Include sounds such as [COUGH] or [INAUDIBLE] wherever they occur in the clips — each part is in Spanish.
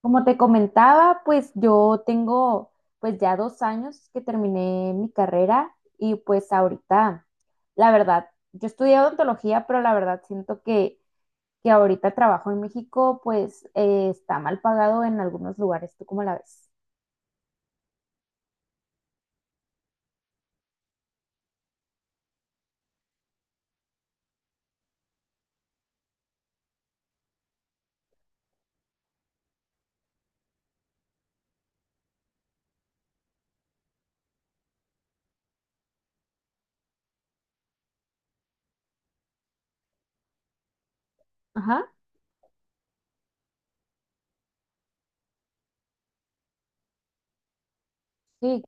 Como te comentaba, pues yo tengo pues ya 2 años que terminé mi carrera y pues ahorita, la verdad, yo estudié odontología, pero la verdad siento que ahorita el trabajo en México pues está mal pagado en algunos lugares. ¿Tú cómo la ves? Ajá, sí.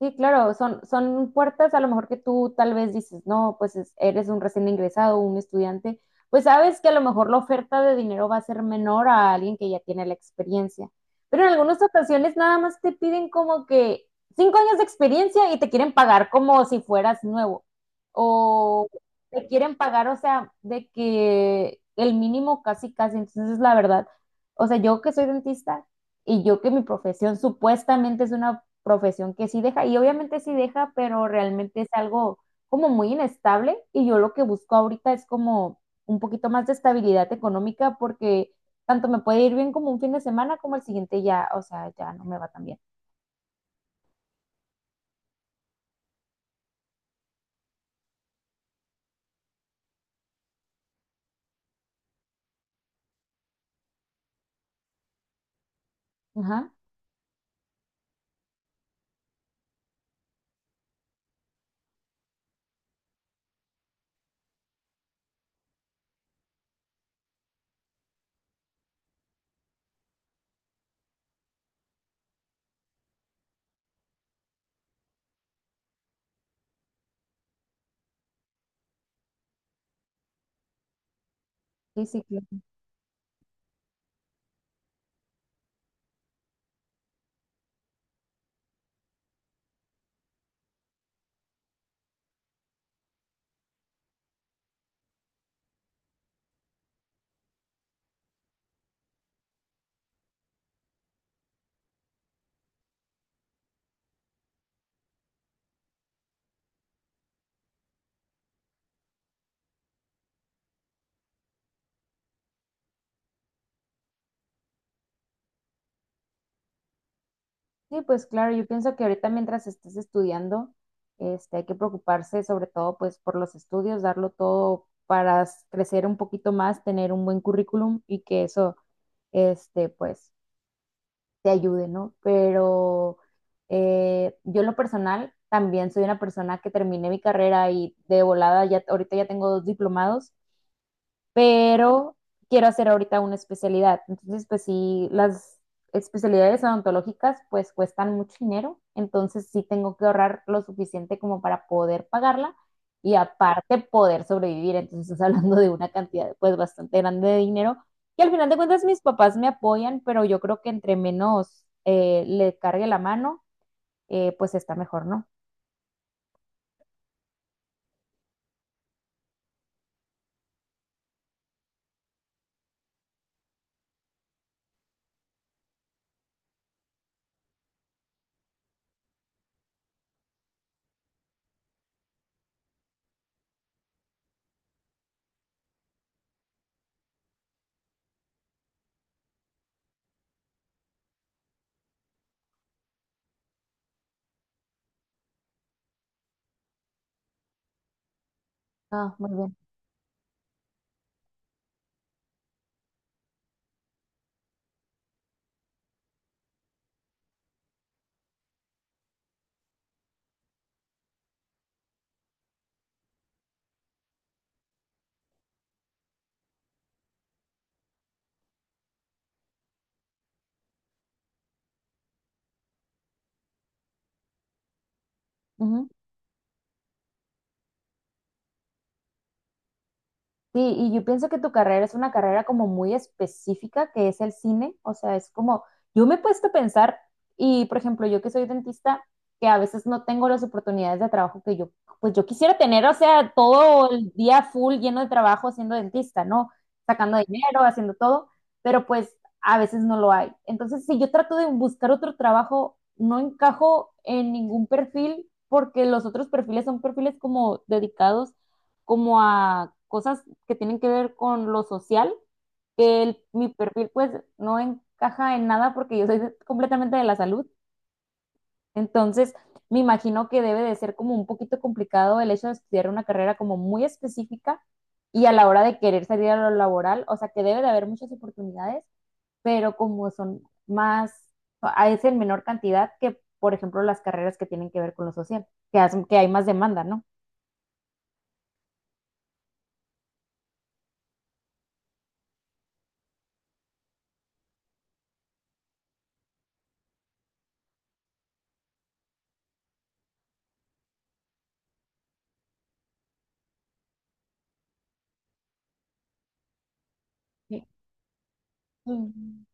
Sí, claro, son puertas a lo mejor que tú tal vez dices, no, pues eres un recién ingresado, un estudiante, pues sabes que a lo mejor la oferta de dinero va a ser menor a alguien que ya tiene la experiencia. Pero en algunas ocasiones nada más te piden como que 5 años de experiencia y te quieren pagar como si fueras nuevo. O te quieren pagar, o sea, de que el mínimo casi, casi. Entonces, la verdad, o sea, yo que soy dentista y yo que mi profesión supuestamente es una profesión que sí deja, y obviamente sí deja, pero realmente es algo como muy inestable y yo lo que busco ahorita es como un poquito más de estabilidad económica porque tanto me puede ir bien como un fin de semana como el siguiente ya, o sea, ya no me va tan bien. Ajá. Sí, sí, claro. Sí, pues claro, yo pienso que ahorita mientras estés estudiando, este, hay que preocuparse sobre todo pues por los estudios, darlo todo para crecer un poquito más, tener un buen currículum y que eso, este, pues te ayude, ¿no? Pero yo en lo personal también soy una persona que terminé mi carrera y de volada, ya, ahorita ya tengo dos diplomados pero quiero hacer ahorita una especialidad. Entonces, pues sí, las especialidades odontológicas pues cuestan mucho dinero, entonces sí tengo que ahorrar lo suficiente como para poder pagarla y aparte poder sobrevivir. Entonces, estás hablando de una cantidad pues bastante grande de dinero, que al final de cuentas mis papás me apoyan, pero yo creo que entre menos le cargue la mano, pues está mejor, ¿no? Ah, muy bien. Ujú. Sí, y yo pienso que tu carrera es una carrera como muy específica, que es el cine. O sea, es como, yo me he puesto a pensar, y por ejemplo, yo que soy dentista, que a veces no tengo las oportunidades de trabajo que yo, pues yo quisiera tener, o sea, todo el día full lleno de trabajo siendo dentista, ¿no? Sacando dinero, haciendo todo, pero pues a veces no lo hay. Entonces, si yo trato de buscar otro trabajo, no encajo en ningún perfil porque los otros perfiles son perfiles como dedicados como a cosas que tienen que ver con lo social, que mi perfil pues no encaja en nada porque yo soy de- completamente de la salud. Entonces, me imagino que debe de ser como un poquito complicado el hecho de estudiar una carrera como muy específica y a la hora de querer salir a lo laboral, o sea que debe de haber muchas oportunidades, pero como son más, es en menor cantidad que, por ejemplo, las carreras que tienen que ver con lo social, que, que hay más demanda, ¿no? Sí. Mm,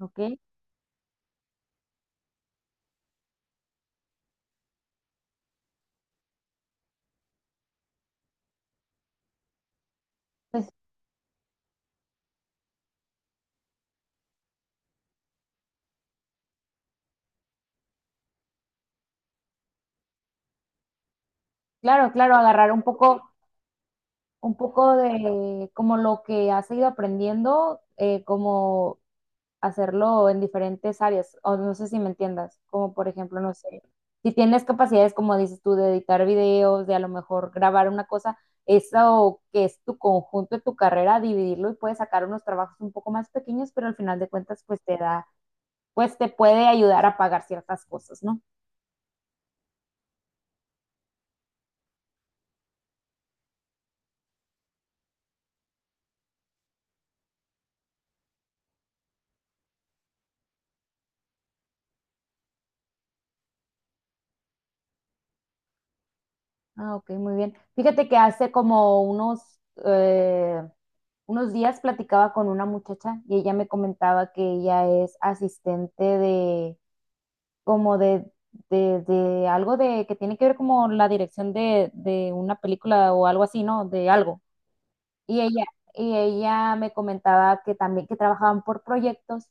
ok. Pues claro, agarrar un poco de como lo que has ido aprendiendo, como hacerlo en diferentes áreas, o no sé si me entiendas, como por ejemplo, no sé, si tienes capacidades, como dices tú, de editar videos, de a lo mejor grabar una cosa, eso que es tu conjunto de tu carrera, dividirlo y puedes sacar unos trabajos un poco más pequeños, pero al final de cuentas, pues te da, pues te puede ayudar a pagar ciertas cosas, ¿no? Ah, ok, muy bien. Fíjate que hace como unos, eh, unos días platicaba con una muchacha y ella me comentaba que ella es asistente de, como de algo que tiene que ver como la dirección de una película o algo así, ¿no? De algo. Y ella, y ella me comentaba que también que trabajaban por proyectos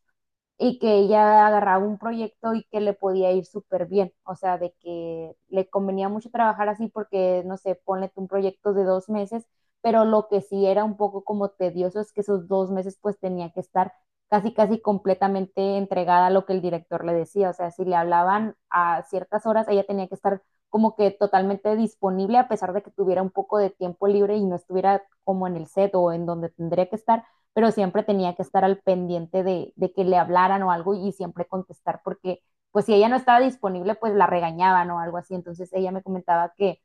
y que ella agarraba un proyecto y que le podía ir súper bien, o sea, de que le convenía mucho trabajar así porque, no sé, ponle tú un proyecto de 2 meses, pero lo que sí era un poco como tedioso es que esos 2 meses pues tenía que estar casi, casi completamente entregada a lo que el director le decía, o sea, si le hablaban a ciertas horas, ella tenía que estar como que totalmente disponible a pesar de que tuviera un poco de tiempo libre y no estuviera como en el set o en donde tendría que estar pero siempre tenía que estar al pendiente de que le hablaran o algo y siempre contestar porque pues si ella no estaba disponible, pues la regañaban o algo así. Entonces ella me comentaba que,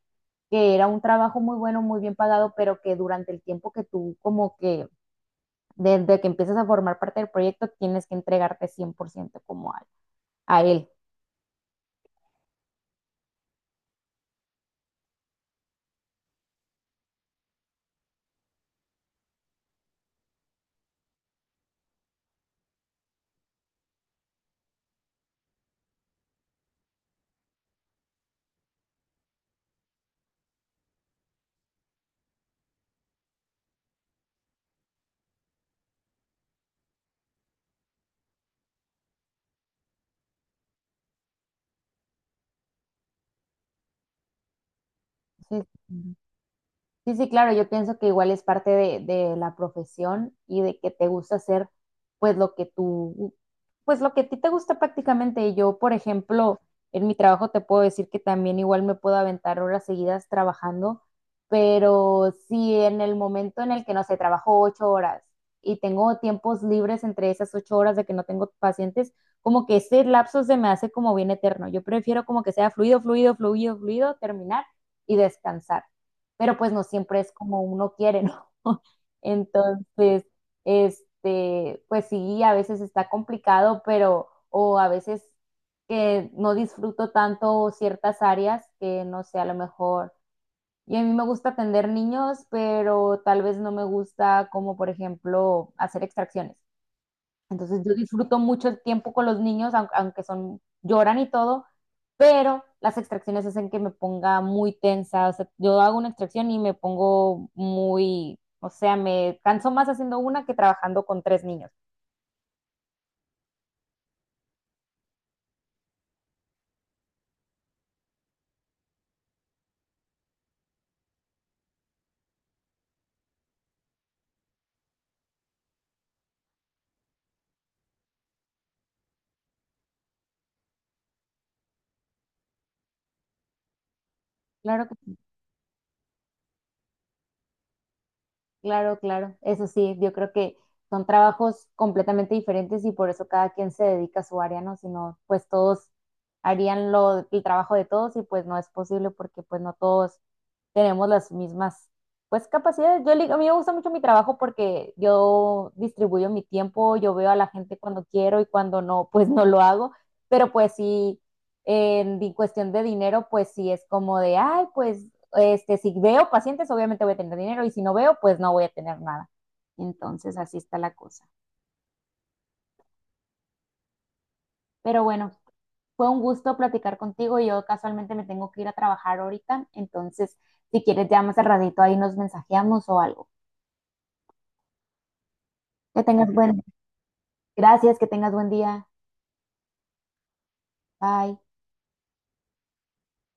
que era un trabajo muy bueno, muy bien pagado, pero que durante el tiempo que tú como que, desde que empiezas a formar parte del proyecto, tienes que entregarte 100% como a él. Entonces, sí, sí, claro, yo pienso que igual es parte de la profesión y de que te gusta hacer pues lo que tú, pues lo que a ti te gusta prácticamente. Y yo, por ejemplo, en mi trabajo te puedo decir que también igual me puedo aventar horas seguidas trabajando, pero si en el momento en el que, no sé, trabajo 8 horas y tengo tiempos libres entre esas 8 horas de que no tengo pacientes, como que ese lapso se me hace como bien eterno. Yo prefiero como que sea fluido, fluido, fluido, fluido, terminar y descansar pero pues no siempre es como uno quiere, ¿no? [LAUGHS] Entonces, este, pues sí, a veces está complicado, pero, o a veces que no disfruto tanto ciertas áreas que no sé, a lo mejor. Y a mí me gusta atender niños, pero tal vez no me gusta como, por ejemplo, hacer extracciones. Entonces yo disfruto mucho el tiempo con los niños, aunque son, lloran y todo, pero las extracciones hacen que me ponga muy tensa. O sea, yo hago una extracción y me pongo muy, o sea, me canso más haciendo una que trabajando con tres niños. Claro que Claro, claro, eso sí, yo creo que son trabajos completamente diferentes y por eso cada quien se dedica a su área, ¿no? Si no, pues todos harían lo, el trabajo de todos y pues no es posible porque pues no todos tenemos las mismas, pues capacidades. Yo, a mí me gusta mucho mi trabajo porque yo distribuyo mi tiempo, yo veo a la gente cuando quiero y cuando no, pues no lo hago, pero pues sí. En cuestión de dinero, pues sí es como de, ay, pues este, si veo pacientes, obviamente voy a tener dinero y si no veo, pues no voy a tener nada. Entonces, así está la cosa. Pero bueno, fue un gusto platicar contigo. Yo casualmente me tengo que ir a trabajar ahorita, entonces, si quieres, ya más al ratito ahí nos mensajeamos o algo. Que tengas buen, gracias, que tengas buen día. Bye.